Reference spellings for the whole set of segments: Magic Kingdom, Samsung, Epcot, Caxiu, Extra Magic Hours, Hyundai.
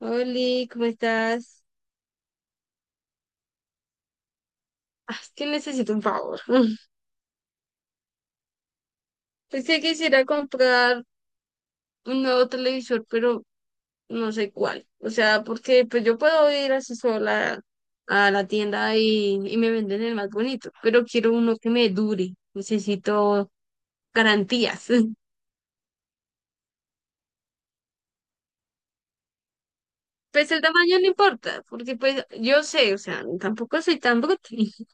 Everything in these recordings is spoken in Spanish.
Oli, ¿cómo estás? Ah, es que necesito un favor. Pensé que quisiera comprar un nuevo televisor, pero no sé cuál. O sea, porque pues yo puedo ir así sola a la tienda y me venden el más bonito, pero quiero uno que me dure. Necesito garantías. Pues el tamaño no importa, porque pues yo sé, o sea, tampoco soy tan bruta.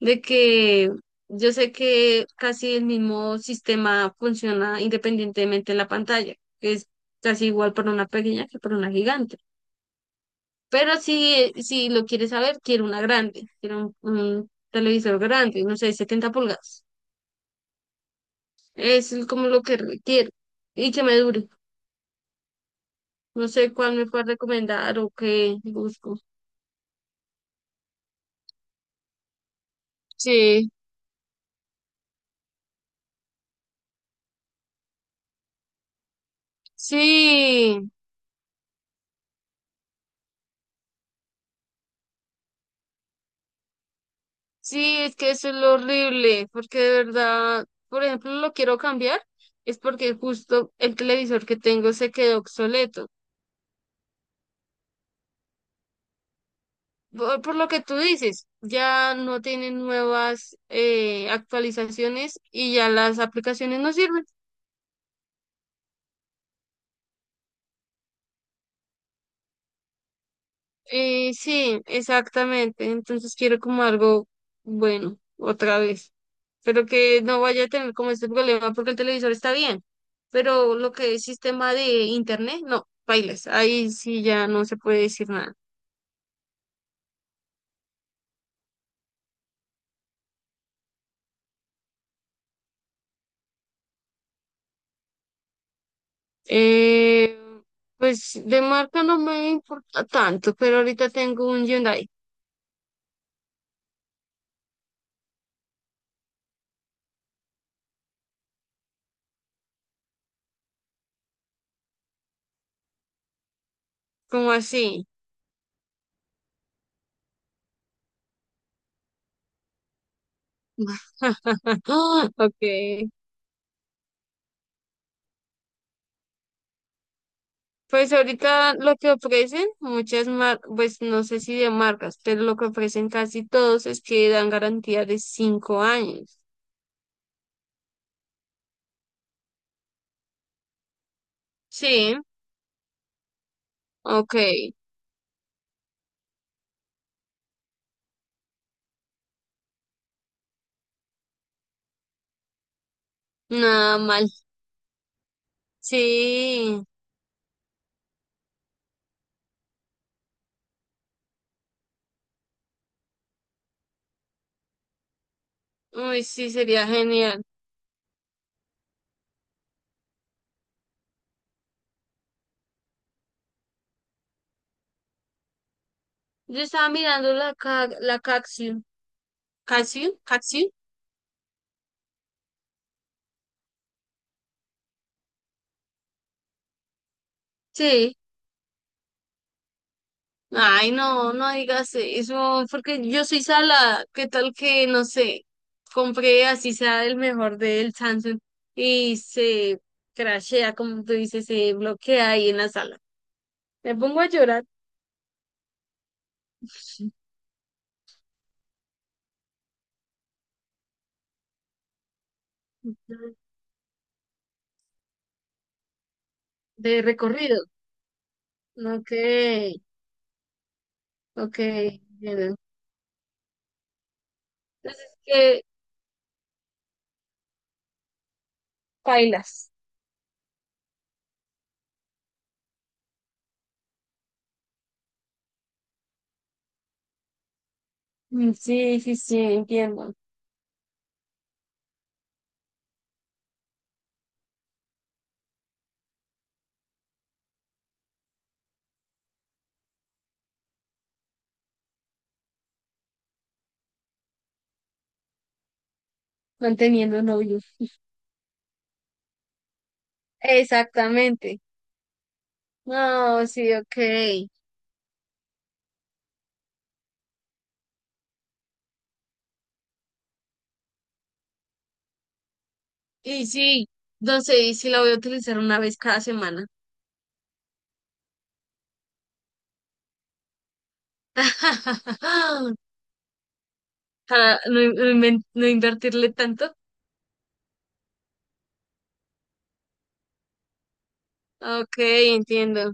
De que yo sé que casi el mismo sistema funciona independientemente en la pantalla, que es casi igual para una pequeña que para una gigante. Pero si lo quieres saber, quiero una grande, quiero un televisor grande, no sé, 70 pulgadas. Es como lo que quiero y que me dure. No sé cuál me puedes recomendar o qué busco. Sí, sí. Sí, es que eso es lo horrible, porque de verdad, por ejemplo, lo quiero cambiar, es porque justo el televisor que tengo se quedó obsoleto. Por lo que tú dices, ya no tienen nuevas actualizaciones y ya las aplicaciones no sirven. Sí, exactamente. Entonces quiero como algo bueno, otra vez. Pero que no vaya a tener como este problema porque el televisor está bien. Pero lo que es sistema de internet, no, bailas. Ahí sí ya no se puede decir nada. Eh, pues de marca no me importa tanto, pero ahorita tengo un Hyundai, como así. Ok. Pues ahorita lo que ofrecen muchas marcas, pues no sé si de marcas, pero lo que ofrecen casi todos es que dan garantía de 5 años. Sí, ok, nada mal. Sí, uy, sí, sería genial. Yo estaba mirando la Caxiu. ¿Caxiu? ¿Caxiu? Sí. Ay, no, no digas eso, porque yo soy sala. ¿Qué tal que, no sé, compré así sea el mejor del Samsung y se crashea, como tú dices, se bloquea ahí en la sala? Me pongo a llorar. De recorrido, no que, no bueno. Entonces, que bailas. Mm, sí, sí, sí, entiendo. Manteniendo novio. Exactamente. No, sí, ok. Y sí, no sé, y si la voy a utilizar una vez cada semana. Para no, no invertirle tanto. Ok, entiendo.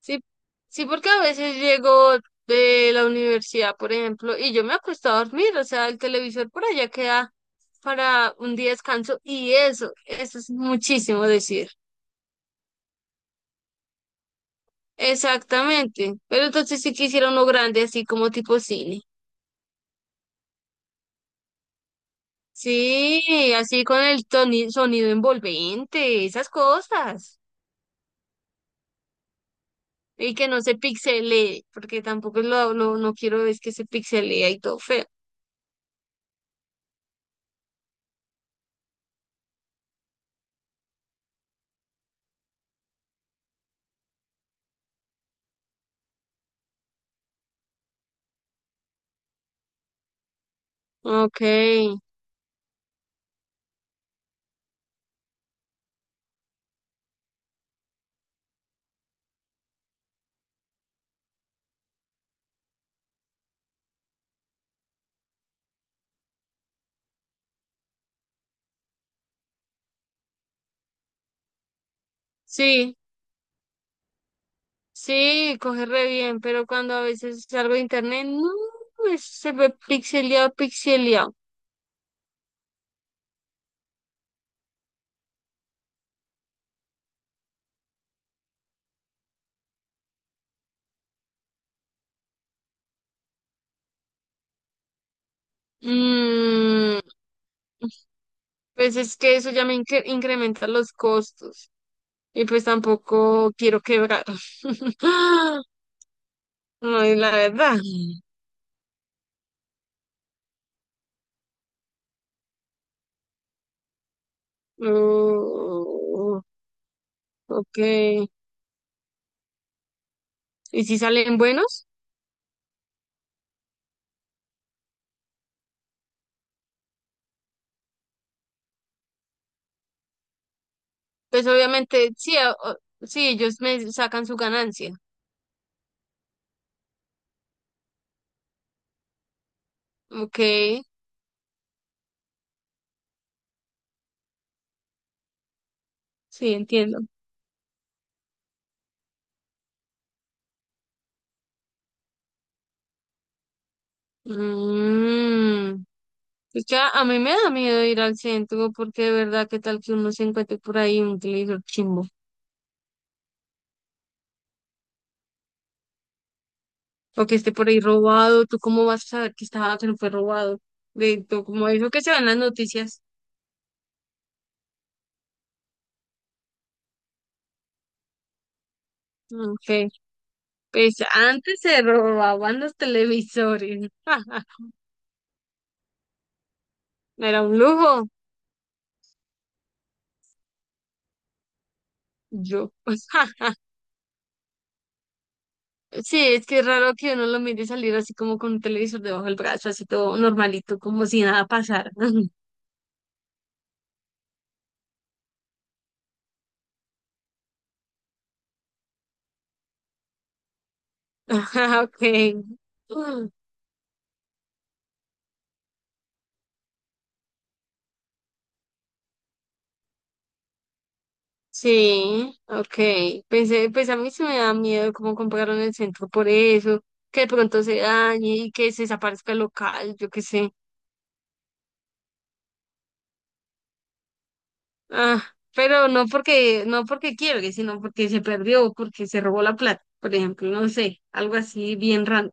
Sí, sí, porque a veces llego de la universidad, por ejemplo, y yo me acuesto a dormir, o sea, el televisor por allá queda para un día de descanso y eso es muchísimo decir. Exactamente. Pero entonces sí quisiera uno grande, así como tipo cine. Sí, así con el sonido envolvente, esas cosas. Y que no se pixelee, porque tampoco no quiero es que se pixelee y todo feo. Ok, sí, sí, coge re bien, pero cuando a veces salgo de internet, no, pues, se ve pixeleado, pixeleado. Mm, pues es que eso ya incrementa los costos. Y pues tampoco quiero quebrar. No, es la verdad. Oh, ok. ¿Y si salen buenos? Pues obviamente, sí, sí, ellos me sacan su ganancia. Ok, sí, entiendo. Mm, es que a mí me da miedo ir al centro porque de verdad, ¿qué tal que uno se encuentre por ahí un televisor chimbo? O que esté por ahí robado. ¿Tú cómo vas a saber que estaba, que no fue robado? De todo como eso que se ve en las noticias. Ok, pues antes se robaban los televisores. Era un lujo. Yo, pues, sí, es que es raro que uno lo mire salir así como con un televisor debajo del brazo, así todo normalito, como si nada pasara. Ajá, okay. Mm, sí, okay. Pensé, pues a mí se me da miedo cómo compraron el centro por eso, que de pronto se dañe y que se desaparezca el local, yo qué sé. Ah, pero no porque, no porque quiebre, sino porque se perdió, porque se robó la plata, por ejemplo, no sé, algo así bien raro.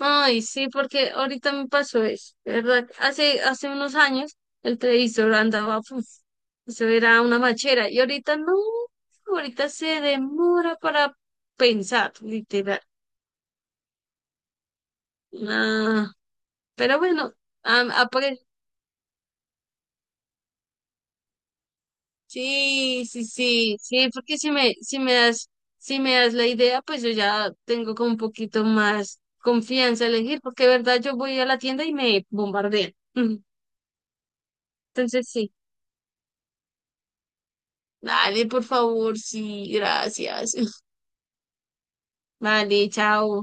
Ay, sí, porque ahorita me pasó eso, de ¿verdad? Hace unos años el televisor andaba, puf, eso era una machera, y ahorita no, ahorita se demora para pensar, literal. Nah, pero bueno, am- apare- sí, sí, sí, sí, porque si me das, si me das la idea, pues yo ya tengo como un poquito más confianza a elegir, porque de verdad yo voy a la tienda y me bombardean. Entonces sí. Dale, por favor, sí, gracias. Vale, chao.